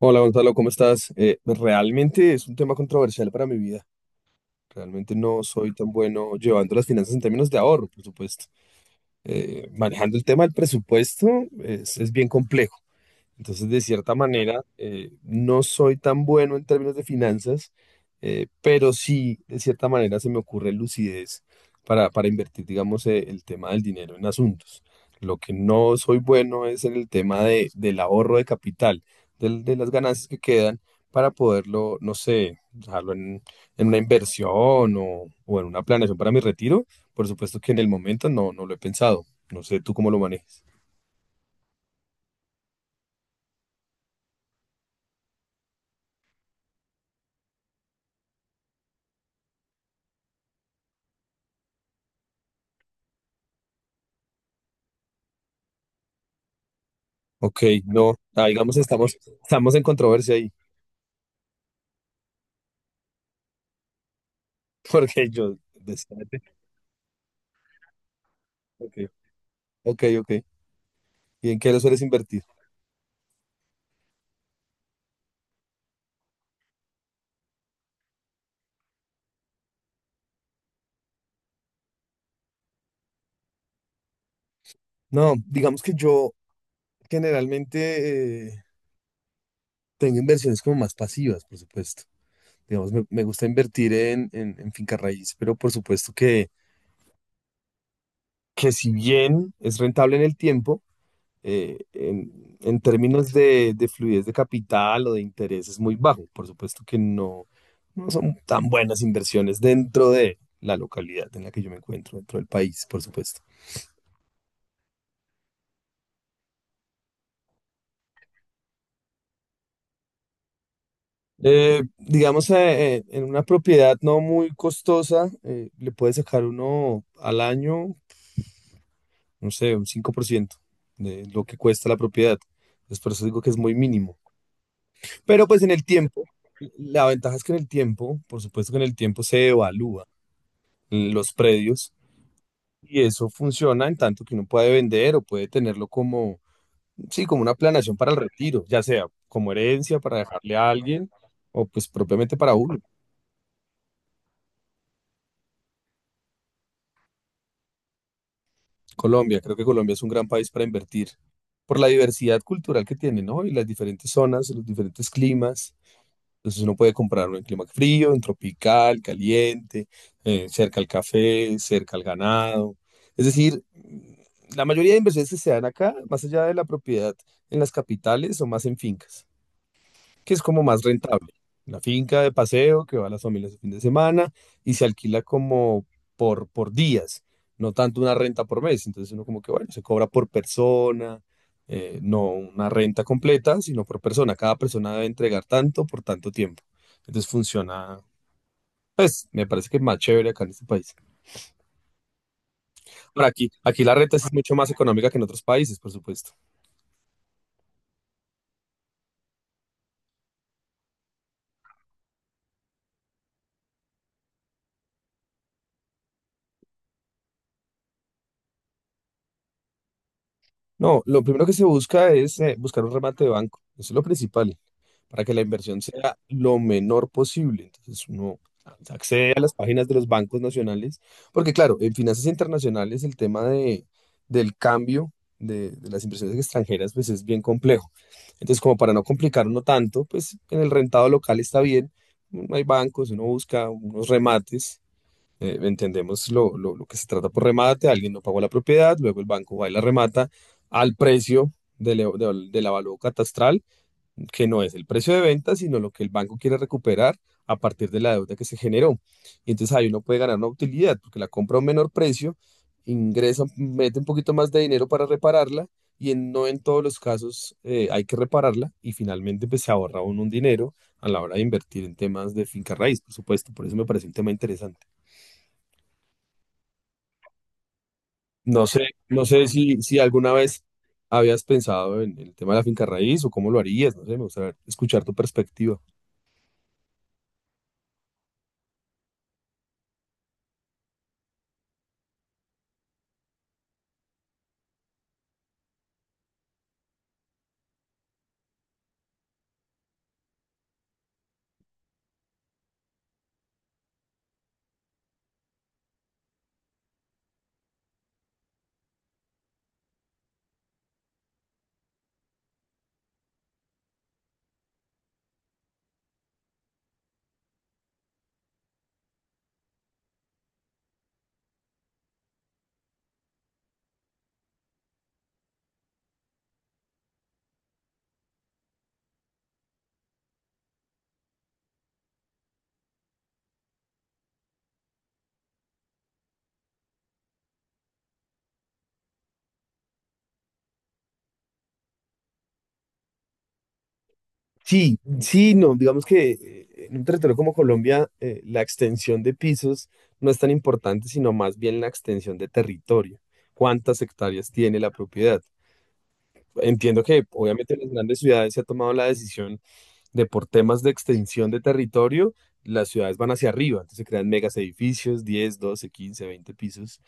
Hola Gonzalo, ¿cómo estás? Realmente es un tema controversial para mi vida. Realmente no soy tan bueno llevando las finanzas en términos de ahorro, por supuesto. Manejando el tema del presupuesto es bien complejo. Entonces, de cierta manera, no soy tan bueno en términos de finanzas, pero sí, de cierta manera, se me ocurre lucidez para invertir, digamos, el tema del dinero en asuntos. Lo que no soy bueno es en el tema del ahorro de capital, de las ganancias que quedan para poderlo, no sé, en una inversión o en una planeación para mi retiro. Por supuesto que en el momento no lo he pensado. No sé tú cómo lo manejas. Ok, no, ah, digamos, estamos en controversia ahí, porque yo, decíate, ok, ok, ¿y en qué lo sueles invertir? No, digamos que yo generalmente tengo inversiones como más pasivas, por supuesto. Digamos, me gusta invertir en, en finca raíz, pero por supuesto que si bien es rentable en el tiempo, en términos de fluidez de capital o de interés es muy bajo. Por supuesto que no, no son tan buenas inversiones dentro de la localidad en la que yo me encuentro, dentro del país, por supuesto. En una propiedad no muy costosa, le puede sacar uno al año, no sé, un 5% de lo que cuesta la propiedad. Entonces, por eso digo que es muy mínimo. Pero pues en el tiempo, la ventaja es que en el tiempo, por supuesto que en el tiempo se evalúa los predios, y eso funciona en tanto que uno puede vender o puede tenerlo como, sí, como una planeación para el retiro, ya sea como herencia para dejarle a alguien o pues propiamente para uno. Colombia, creo que Colombia es un gran país para invertir por la diversidad cultural que tiene, ¿no? Y las diferentes zonas, los diferentes climas. Entonces uno puede comprarlo en clima frío, en tropical, caliente, cerca al café, cerca al ganado. Es decir, la mayoría de inversiones que se dan acá, más allá de la propiedad en las capitales, son más en fincas, que es como más rentable. La finca de paseo que va a las familias el fin de semana y se alquila como por días, no tanto una renta por mes. Entonces uno como que, bueno, se cobra por persona, no una renta completa, sino por persona. Cada persona debe entregar tanto por tanto tiempo. Entonces funciona, pues me parece que es más chévere acá en este país. Ahora aquí, aquí la renta sí es mucho más económica que en otros países, por supuesto. No, lo primero que se busca es buscar un remate de banco. Eso es lo principal, para que la inversión sea lo menor posible. Entonces uno accede a las páginas de los bancos nacionales, porque claro, en finanzas internacionales el tema del cambio de las inversiones extranjeras pues es bien complejo. Entonces como para no complicarlo tanto, pues en el rentado local está bien, no hay bancos, uno busca unos remates. Entendemos lo que se trata por remate, alguien no pagó la propiedad, luego el banco va y la remata al precio del avalúo catastral, que no es el precio de venta, sino lo que el banco quiere recuperar a partir de la deuda que se generó. Y entonces ahí uno puede ganar una utilidad, porque la compra a un menor precio, ingresa, mete un poquito más de dinero para repararla y en, no en todos los casos hay que repararla, y finalmente pues se ahorra uno un dinero a la hora de invertir en temas de finca raíz, por supuesto. Por eso me parece un tema interesante. No sé, no sé si, si alguna vez habías pensado en el tema de la finca raíz o cómo lo harías, no sé, me gustaría escuchar tu perspectiva. Sí, sí, no, digamos que en un territorio como Colombia, la extensión de pisos no es tan importante, sino más bien la extensión de territorio. ¿Cuántas hectáreas tiene la propiedad? Entiendo que obviamente en las grandes ciudades se ha tomado la decisión de por temas de extensión de territorio, las ciudades van hacia arriba, entonces se crean megas edificios, 10, 12, 15, 20 pisos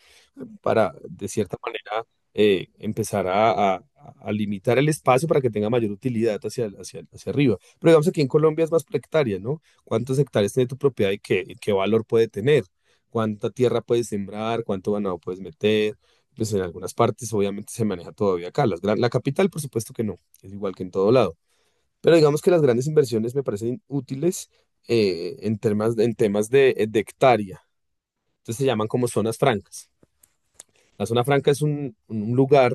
para, de cierta manera, eh, empezar a, a- a limitar el espacio para que tenga mayor utilidad hacia, hacia arriba. Pero digamos aquí en Colombia es más por hectárea, ¿no? ¿Cuántas hectáreas tiene tu propiedad y y qué valor puede tener? ¿Cuánta tierra puedes sembrar? ¿Cuánto ganado puedes meter? Pues en algunas partes obviamente se maneja todavía acá. La capital, por supuesto que no, es igual que en todo lado. Pero digamos que las grandes inversiones me parecen útiles en temas de hectárea. Entonces se llaman como zonas francas. La zona franca es un lugar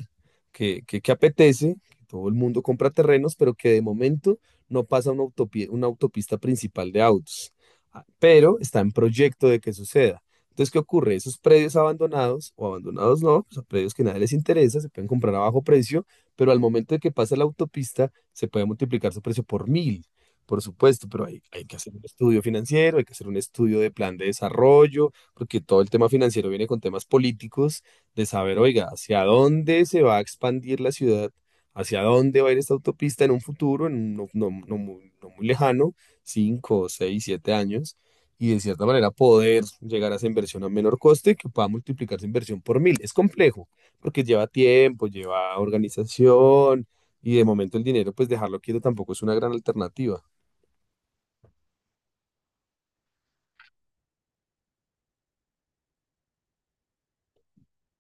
que apetece, que todo el mundo compra terrenos, pero que de momento no pasa una una autopista principal de autos. Ah, pero está en proyecto de que suceda. Entonces, ¿qué ocurre? Esos predios abandonados, o abandonados no, pues a predios que nadie les interesa, se pueden comprar a bajo precio, pero al momento de que pasa la autopista, se puede multiplicar su precio por mil, por supuesto, pero hay que hacer un estudio financiero, hay que hacer un estudio de plan de desarrollo, porque todo el tema financiero viene con temas políticos de saber, oiga, hacia dónde se va a expandir la ciudad, hacia dónde va a ir esta autopista en un futuro, en un no, no muy, no muy lejano, 5 6 7 años, y de cierta manera poder llegar a esa inversión a menor coste que pueda multiplicar esa inversión por mil. Es complejo, porque lleva tiempo, lleva organización, y de momento el dinero, pues dejarlo quieto tampoco es una gran alternativa.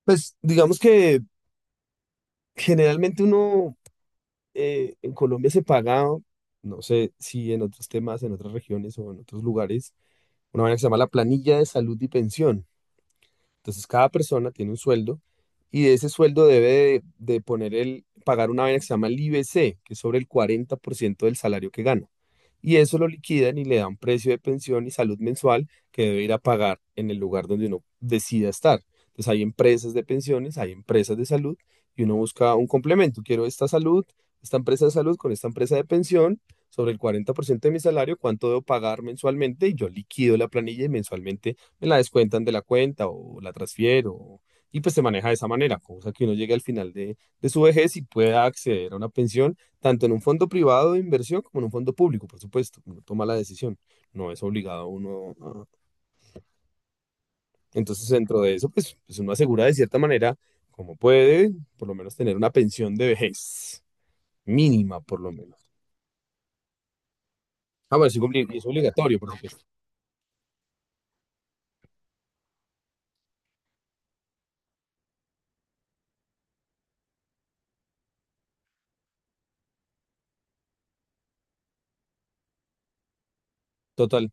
Pues digamos que generalmente uno en Colombia se paga, no sé si en otros temas, en otras regiones o en otros lugares, una manera que se llama la planilla de salud y pensión. Entonces cada persona tiene un sueldo y de ese sueldo de poner el, pagar una vaina que se llama el IBC, que es sobre el 40% del salario que gana. Y eso lo liquidan y le dan precio de pensión y salud mensual que debe ir a pagar en el lugar donde uno decida estar. Entonces hay empresas de pensiones, hay empresas de salud y uno busca un complemento. Quiero esta salud, esta empresa de salud con esta empresa de pensión sobre el 40% de mi salario, cuánto debo pagar mensualmente y yo liquido la planilla y mensualmente me la descuentan de la cuenta o la transfiero. Y pues se maneja de esa manera, cosa que uno llegue al final de su vejez y pueda acceder a una pensión, tanto en un fondo privado de inversión como en un fondo público, por supuesto. Uno toma la decisión, no es obligado uno. Entonces, dentro de eso, pues, pues uno asegura de cierta manera, como puede, por lo menos tener una pensión de vejez mínima, por lo menos. Ah, bueno, sí, cumplir, es obligatorio, por supuesto. Total.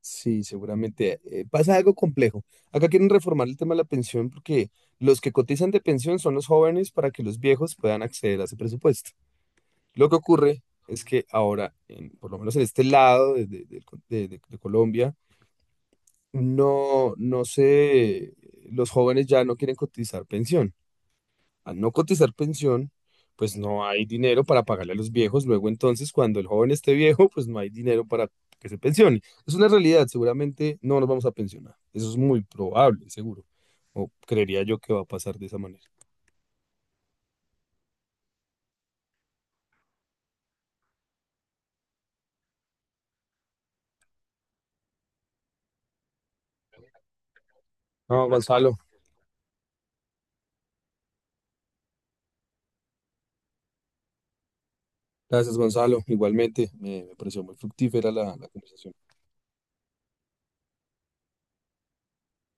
Sí, seguramente. Pasa algo complejo. Acá quieren reformar el tema de la pensión porque los que cotizan de pensión son los jóvenes para que los viejos puedan acceder a ese presupuesto. Lo que ocurre es que ahora, por lo menos en este lado de- del con- de Colombia, no, no sé, los jóvenes ya no quieren cotizar pensión. Al no cotizar pensión, pues no hay dinero para pagarle a los viejos. Luego entonces, cuando el joven esté viejo, pues no hay dinero para que se pensione. Es una realidad, seguramente no nos vamos a pensionar. Eso es muy probable, seguro. O creería yo que va a pasar de esa manera. No, Gonzalo. Gracias, Gonzalo. Igualmente, me pareció muy fructífera la conversación.